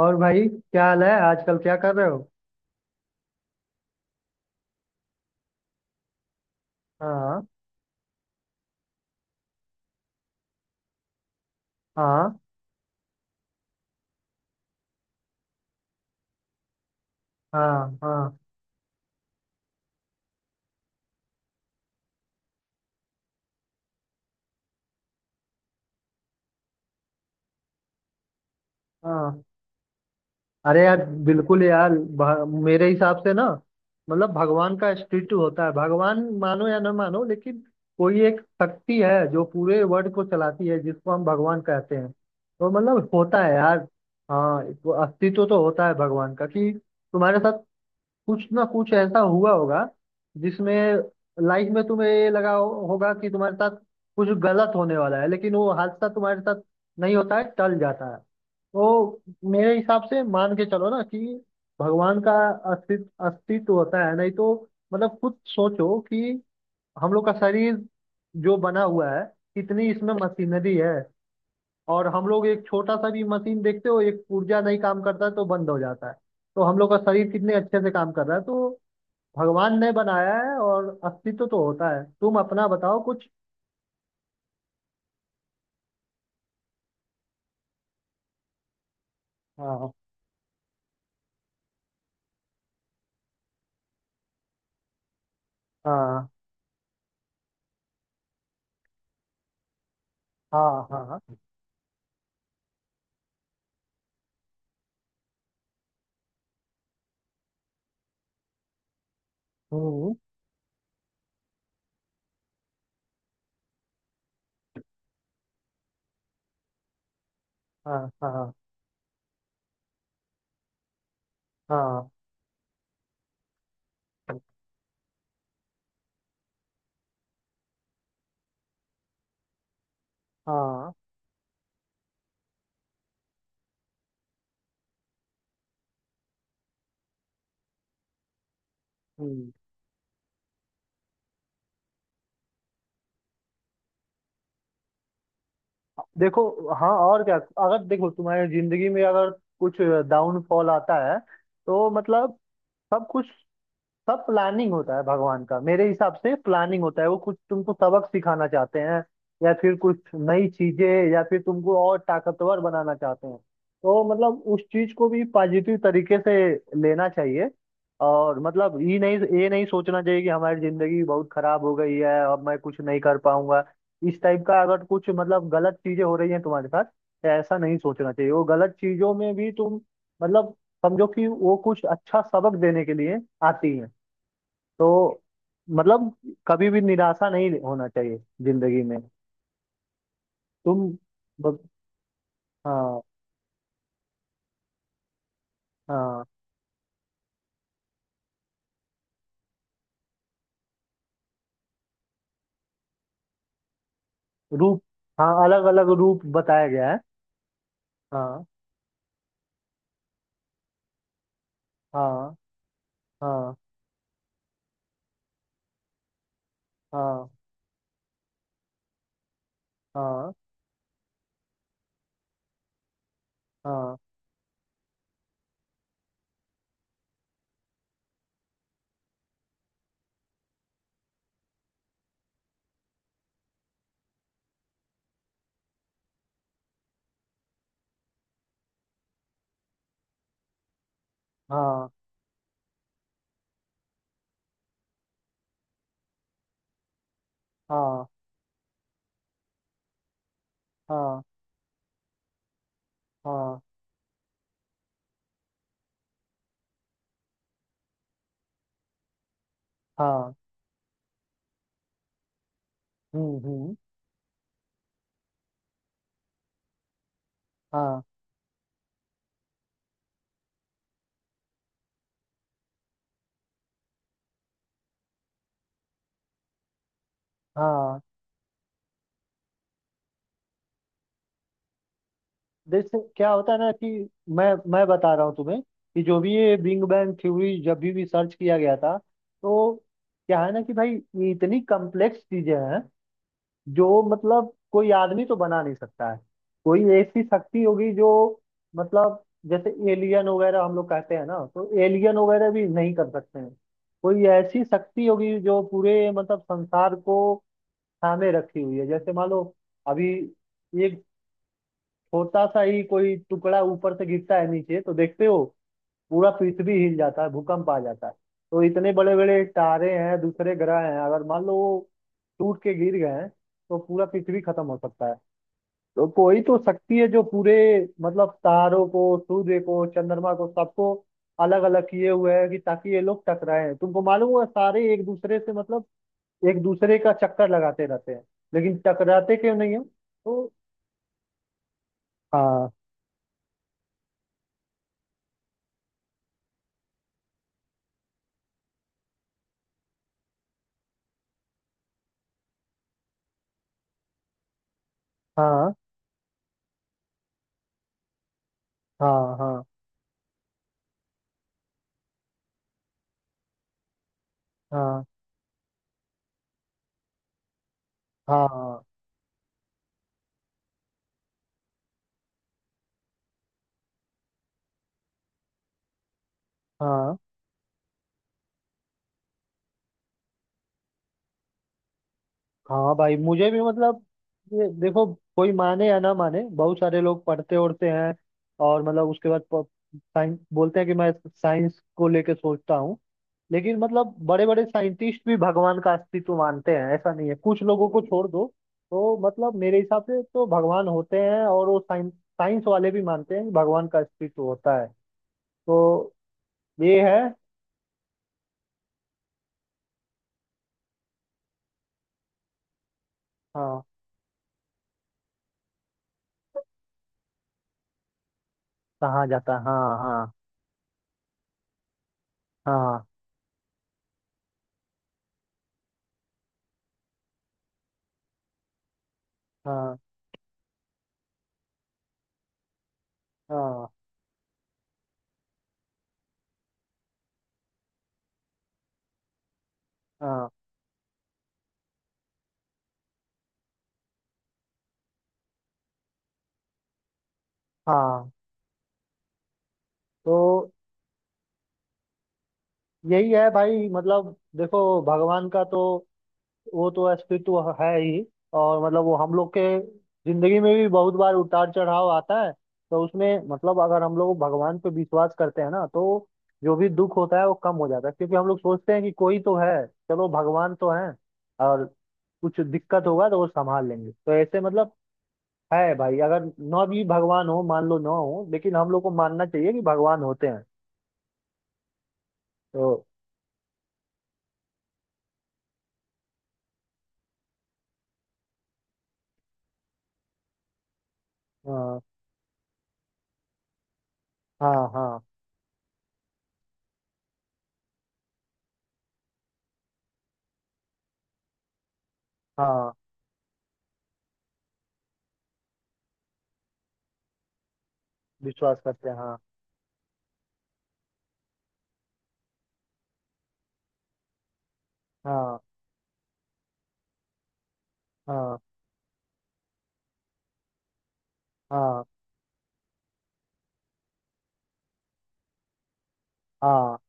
और भाई क्या हाल है आजकल क्या कर रहे हो। हाँ। हाँ। हाँ हाँ। हाँ। अरे यार बिल्कुल यार मेरे हिसाब से ना मतलब भगवान का स्टेचू होता है। भगवान मानो या ना मानो लेकिन कोई एक शक्ति है जो पूरे वर्ल्ड को चलाती है जिसको हम भगवान कहते हैं, तो मतलब होता है यार। हाँ, वो अस्तित्व तो होता है भगवान का कि तुम्हारे साथ कुछ ना कुछ ऐसा हुआ होगा जिसमें लाइफ में तुम्हें ये लगा होगा कि तुम्हारे साथ कुछ गलत होने वाला है लेकिन वो हादसा तुम्हारे साथ नहीं होता है, टल जाता है। तो मेरे हिसाब से मान के चलो ना कि भगवान का अस्तित्व अस्तित्व होता है। नहीं तो मतलब खुद सोचो कि हम लोग का शरीर जो बना हुआ है कितनी इसमें मशीनरी है। और हम लोग एक छोटा सा भी मशीन देखते हो एक पुर्जा नहीं काम करता है तो बंद हो जाता है। तो हम लोग का शरीर कितने अच्छे से काम कर रहा है, तो भगवान ने बनाया है और अस्तित्व तो होता है। तुम अपना बताओ कुछ। हाँ। हाँ हाँ। हाँ। हम्म। हाँ हाँ। हाँ हाँ। हम्म। देखो, हाँ और क्या। अगर देखो तुम्हारी जिंदगी में अगर कुछ डाउनफॉल आता है तो मतलब सब कुछ, सब प्लानिंग होता है भगवान का। मेरे हिसाब से प्लानिंग होता है, वो कुछ तुमको सबक सिखाना चाहते हैं या फिर कुछ नई चीजें या फिर तुमको और ताकतवर बनाना चाहते हैं। तो मतलब उस चीज को भी पॉजिटिव तरीके से लेना चाहिए। और मतलब ये नहीं सोचना चाहिए कि हमारी जिंदगी बहुत खराब हो गई है, अब मैं कुछ नहीं कर पाऊंगा। इस टाइप का अगर कुछ मतलब गलत चीजें हो रही हैं तुम्हारे साथ तो ऐसा नहीं सोचना चाहिए। वो गलत चीजों में भी तुम मतलब समझो कि वो कुछ अच्छा सबक देने के लिए आती है। तो मतलब कभी भी निराशा नहीं होना चाहिए जिंदगी में तुम, बस। हाँ हाँ। रूप। हाँ अलग अलग रूप बताया गया है। हाँ। हाँ। हाँ। हाँ। हाँ। हाँ। हाँ। हाँ। हाँ। हाँ। हाँ। हम्म। हाँ हाँ। जैसे क्या होता है ना कि मैं मैं बता रहा हूँ तुम्हें कि जो भी ये बिग बैंग थ्योरी जब भी सर्च किया गया था तो क्या है ना कि भाई ये इतनी कॉम्प्लेक्स चीजें हैं जो मतलब कोई आदमी तो बना नहीं सकता है। कोई ऐसी शक्ति होगी जो मतलब जैसे एलियन वगैरह हम लोग कहते हैं ना, तो एलियन वगैरह भी नहीं कर सकते हैं। कोई ऐसी शक्ति होगी जो पूरे मतलब संसार को थामे रखी हुई है। जैसे मान लो अभी एक छोटा सा ही कोई टुकड़ा ऊपर से गिरता है नीचे तो देखते हो पूरा पृथ्वी हिल जाता है, भूकंप आ जाता है। तो इतने बड़े बड़े तारे हैं, दूसरे ग्रह हैं, अगर मान लो वो टूट के गिर गए हैं तो पूरा पृथ्वी खत्म हो सकता है। तो कोई तो शक्ति है जो पूरे मतलब तारों को, सूर्य को, चंद्रमा को, सबको अलग अलग किए हुए है कि ताकि ये लोग टकराए। तुमको मालूम हुआ, सारे एक दूसरे से मतलब एक दूसरे का चक्कर लगाते रहते हैं लेकिन टकराते क्यों नहीं है तो। हाँ हाँ हाँ। हाँ। हाँ। हाँ। हाँ। हाँ भाई मुझे भी मतलब ये देखो कोई माने या ना माने, बहुत सारे लोग पढ़ते उड़ते हैं और मतलब उसके बाद साइंस बोलते हैं कि मैं साइंस को लेके सोचता हूँ, लेकिन मतलब बड़े बड़े साइंटिस्ट भी भगवान का अस्तित्व मानते हैं। ऐसा नहीं है, कुछ लोगों को छोड़ दो। तो मतलब मेरे हिसाब से तो भगवान होते हैं और वो साइंस, साइंस वाले भी मानते हैं कि भगवान का अस्तित्व होता है। तो ये है। हाँ। कहाँ जाता है, हाँ हाँ। हाँ। हाँ। हाँ। हाँ। हाँ। तो यही है भाई मतलब देखो भगवान का तो वो तो अस्तित्व है ही। और मतलब वो हम लोग के जिंदगी में भी बहुत बार उतार चढ़ाव आता है। तो उसमें मतलब अगर हम लोग भगवान पे विश्वास करते हैं ना तो जो भी दुख होता है वो कम हो जाता है, क्योंकि हम लोग सोचते हैं कि कोई तो है, चलो भगवान तो है और कुछ दिक्कत होगा तो वो संभाल लेंगे। तो ऐसे मतलब है भाई, अगर ना भी भगवान हो मान लो ना हो, लेकिन हम लोग को मानना चाहिए कि भगवान होते हैं। तो अ, हाँ। हाँ हाँ। विश्वास करते हैं हाँ। हाँ। हाँ। हाँ। हाँ।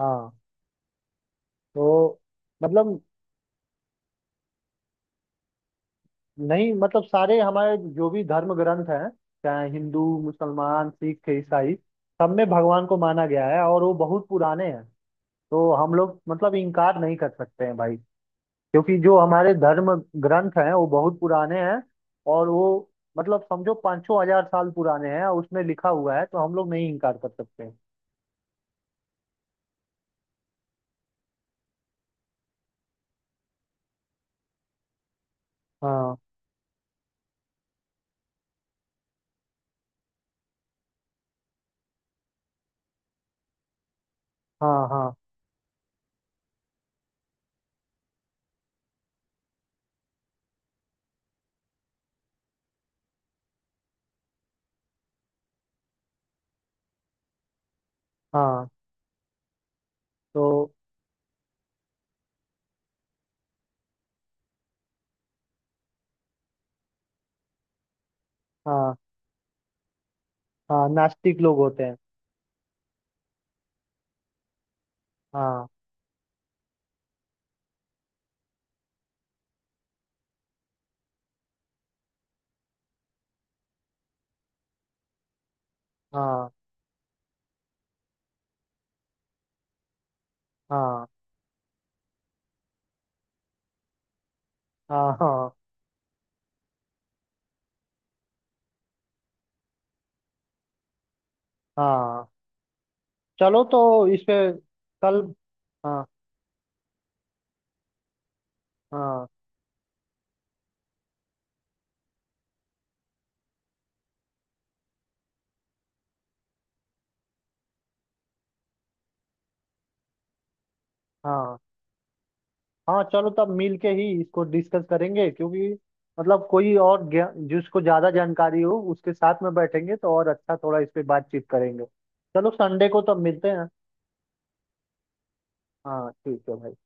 हाँ। तो मतलब नहीं मतलब सारे हमारे जो भी धर्म ग्रंथ हैं, चाहे हिंदू, मुसलमान, सिख, ईसाई, सब में भगवान को माना गया है और वो बहुत पुराने हैं। तो हम लोग मतलब इनकार नहीं कर सकते हैं भाई, क्योंकि जो हमारे धर्म ग्रंथ हैं वो बहुत पुराने हैं। और वो मतलब समझो 5000 हजार साल पुराने हैं और उसमें लिखा हुआ है, तो हम लोग नहीं इनकार कर सकते। हाँ हाँ। हाँ हाँ। तो हाँ। हाँ नास्तिक लोग होते हैं। हाँ। हाँ। हाँ। हाँ। हाँ। हाँ चलो तो इस पे कल। हाँ। हाँ। हाँ। हाँ। चलो तब मिल के ही इसको डिस्कस करेंगे, क्योंकि मतलब कोई और जिसको ज्यादा जानकारी हो उसके साथ में बैठेंगे तो और अच्छा थोड़ा इस पे बातचीत करेंगे। चलो संडे को तब मिलते हैं। हाँ ठीक है भाई।